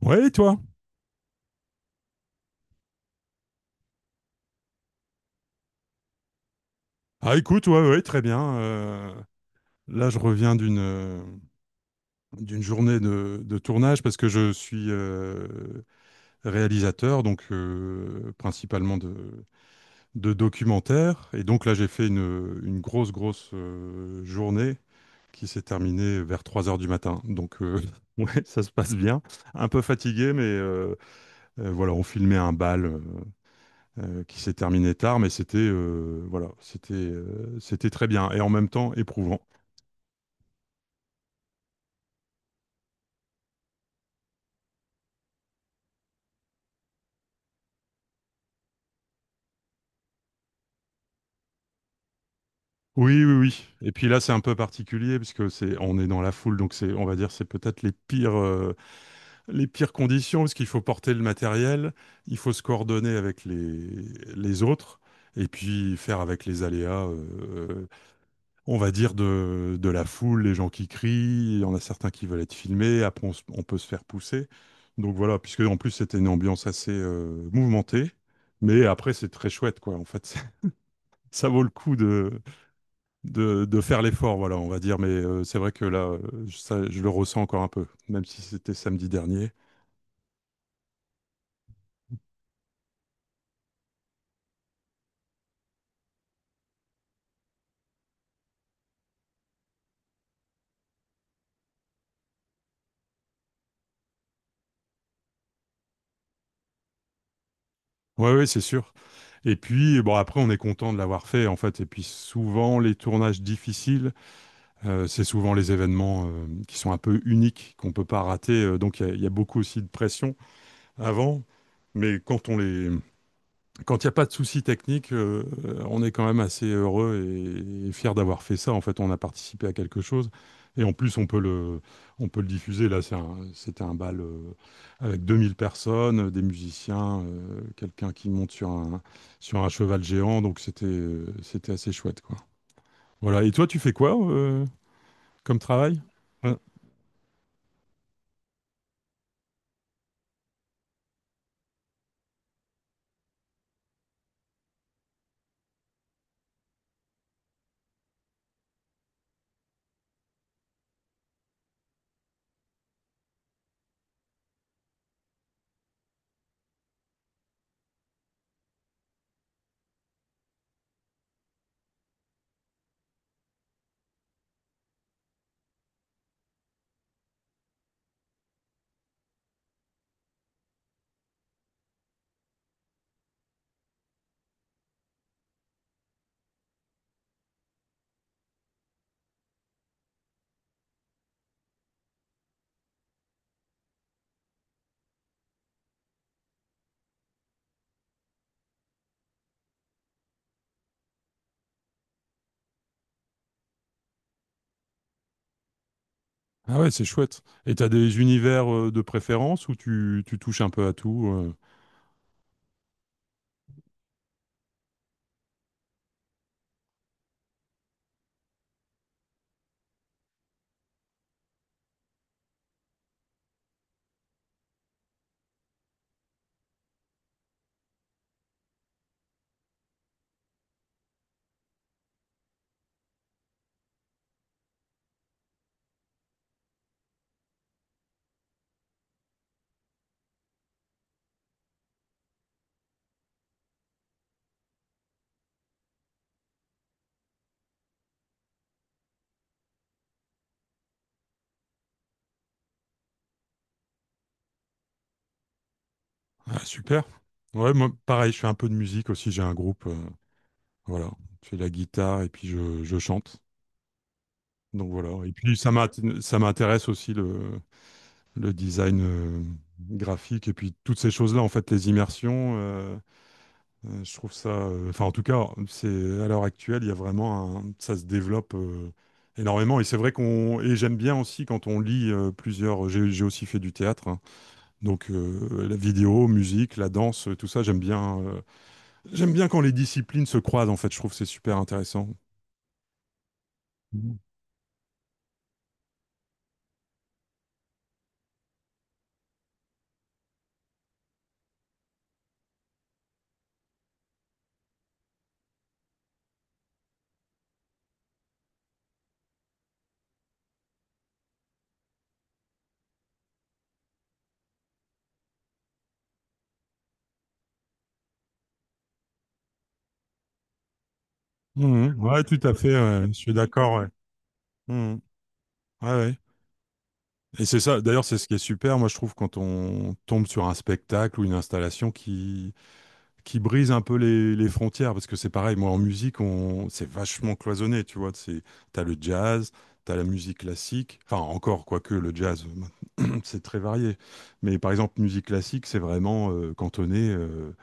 Ouais, et toi? Ah, écoute, ouais, ouais, très bien. Là, je reviens d'une journée de tournage parce que je suis réalisateur, donc principalement de documentaires. Et donc là, j'ai fait une grosse journée qui s'est terminée vers 3 heures du matin. Donc, ouais, ça se passe bien. Un peu fatigué, mais voilà, on filmait un bal. Qui s'est terminé tard, mais c'était voilà, c'était très bien et en même temps éprouvant. Oui, oui, oui. Et puis là, c'est un peu particulier parce que c'est on est dans la foule, donc c'est on va dire c'est peut-être les pires conditions parce qu'il faut porter le matériel, il faut se coordonner avec les autres et puis faire avec les aléas. On va dire, de la foule, les gens qui crient, il y en a certains qui veulent être filmés, après on peut se faire pousser. Donc voilà, puisque en plus c'était une ambiance assez mouvementée, mais après c'est très chouette quoi. En fait, ça vaut le coup de faire l'effort, voilà, on va dire. Mais c'est vrai que là, ça, je le ressens encore un peu, même si c'était samedi dernier. Ouais, ouais, c'est sûr. Et puis bon, après on est content de l'avoir fait en fait. Et puis souvent les tournages difficiles. C'est souvent les événements qui sont un peu uniques, qu'on ne peut pas rater. Donc, il y a beaucoup aussi de pression avant. Mais quand il n'y a pas de soucis techniques, on est quand même assez heureux et fier d'avoir fait ça. En fait, on a participé à quelque chose. Et en plus, on peut le diffuser. Là, c'était un bal avec 2 000 personnes, des musiciens, quelqu'un qui monte sur un cheval géant. Donc, c'était assez chouette, quoi. Voilà. Et toi, tu fais quoi comme travail? Ah ouais, c'est chouette. Et t'as des univers de préférence où tu touches un peu à tout. Ah, super. Ouais, moi, pareil, je fais un peu de musique aussi. J'ai un groupe. Voilà. Je fais la guitare et puis je chante. Donc voilà. Et puis ça m'intéresse aussi le design graphique et puis toutes ces choses-là, en fait, les immersions. Je trouve ça, enfin en tout cas, c'est à l'heure actuelle, il y a vraiment un, ça se développe énormément. Et c'est vrai qu'on, et j'aime bien aussi quand on lit plusieurs. J'ai aussi fait du théâtre, hein. La vidéo, musique, la danse, tout ça, j'aime bien. J'aime bien quand les disciplines se croisent. En fait, je trouve que c'est super intéressant. Mhm. Mhm. Ouais, tout à fait, ouais. Je suis d'accord, ouais. Mhm. Ouais, ouais. Et c'est ça. D'ailleurs, c'est ce qui est super. Moi, je trouve quand on tombe sur un spectacle ou une installation qui brise un peu les frontières parce que c'est pareil moi en musique on c'est vachement cloisonné tu vois c'est t'as le jazz t'as la musique classique enfin encore quoique le jazz c'est très varié mais par exemple musique classique c'est vraiment cantonné,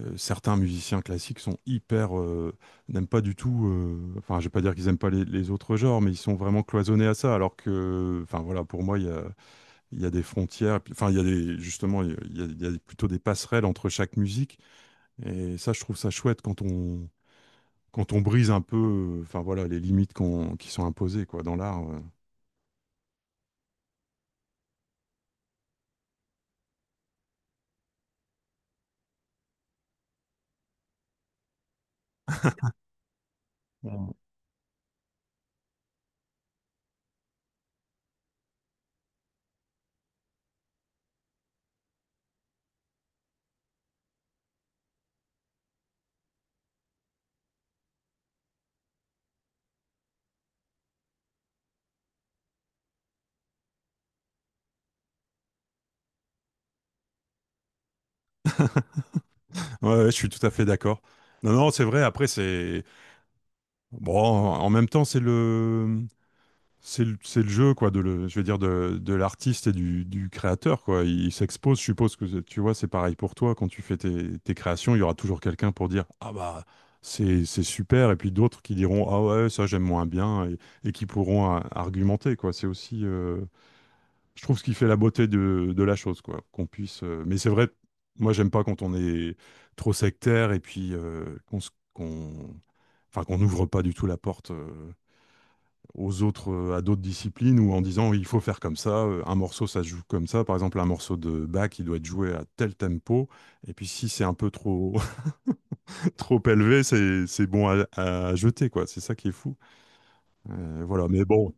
certains musiciens classiques sont hyper, n'aiment pas du tout enfin je vais pas dire qu'ils aiment pas les autres genres mais ils sont vraiment cloisonnés à ça alors que enfin voilà pour moi il y a des enfin il y a des justement il y a plutôt des passerelles entre chaque musique et ça, je trouve ça chouette quand on brise un peu, enfin voilà, les limites qui sont imposées quoi, dans l'art. Ouais, ouais, je suis tout à fait d'accord. Non, non, c'est vrai. Après, c'est bon. En même temps, c'est le jeu quoi, je veux dire de l'artiste et du créateur quoi. Il s'expose. Je suppose que tu vois, c'est pareil pour toi quand tu fais tes créations. Il y aura toujours quelqu'un pour dire ah bah c'est super et puis d'autres qui diront ah ouais ça j'aime moins bien, et qui pourront argumenter quoi. C'est aussi je trouve ce qui fait la beauté de la chose, quoi. Qu'on puisse. Mais c'est vrai, moi, j'aime pas quand on est trop sectaire et puis enfin, qu'on n'ouvre pas du tout la porte aux autres, à d'autres disciplines ou en disant oui, il faut faire comme ça, un morceau ça se joue comme ça. Par exemple, un morceau de Bach, il doit être joué à tel tempo. Et puis si c'est un peu trop trop élevé, c'est bon à jeter, quoi. C'est ça qui est fou. Voilà. Mais bon.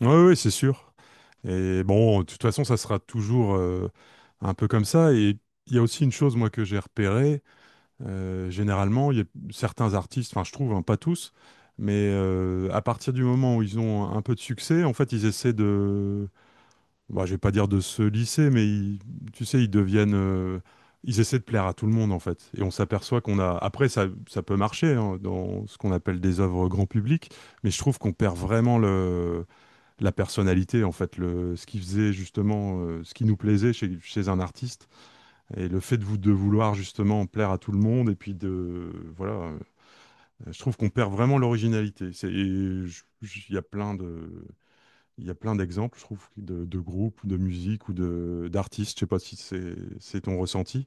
Ouais, ouais, c'est sûr. Et bon, de toute façon, ça sera toujours un peu comme ça. Et il y a aussi une chose, moi, que j'ai repérée. Généralement, il y a certains artistes, enfin, je trouve, hein, pas tous, mais à partir du moment où ils ont un peu de succès, en fait, bah, je vais pas dire de se lisser, tu sais, ils essaient de plaire à tout le monde, en fait. Et on s'aperçoit qu'on a, après, ça peut marcher hein, dans ce qu'on appelle des œuvres grand public, mais je trouve qu'on perd vraiment le la personnalité, en fait, ce qui faisait justement, ce qui nous plaisait chez un artiste, et le fait de vouloir justement plaire à tout le monde, et puis voilà, je trouve qu'on perd vraiment l'originalité. Et il y a plein il y a plein d'exemples, je trouve, de groupes, de musique ou de d'artistes. Je sais pas si c'est ton ressenti.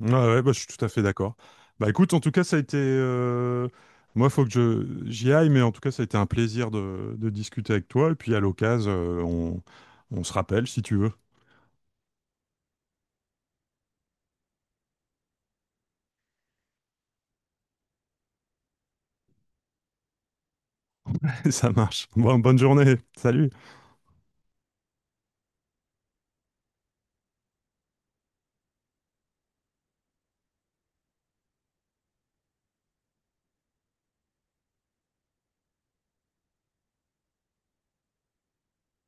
Ouais, ouais, bah, je suis tout à fait d'accord. Bah écoute, en tout cas, ça a été. Moi, faut que je j'y aille, mais en tout cas, ça a été un plaisir de discuter avec toi. Et puis à l'occasion, on se rappelle si tu veux. Ça marche. Bon, bonne journée. Salut.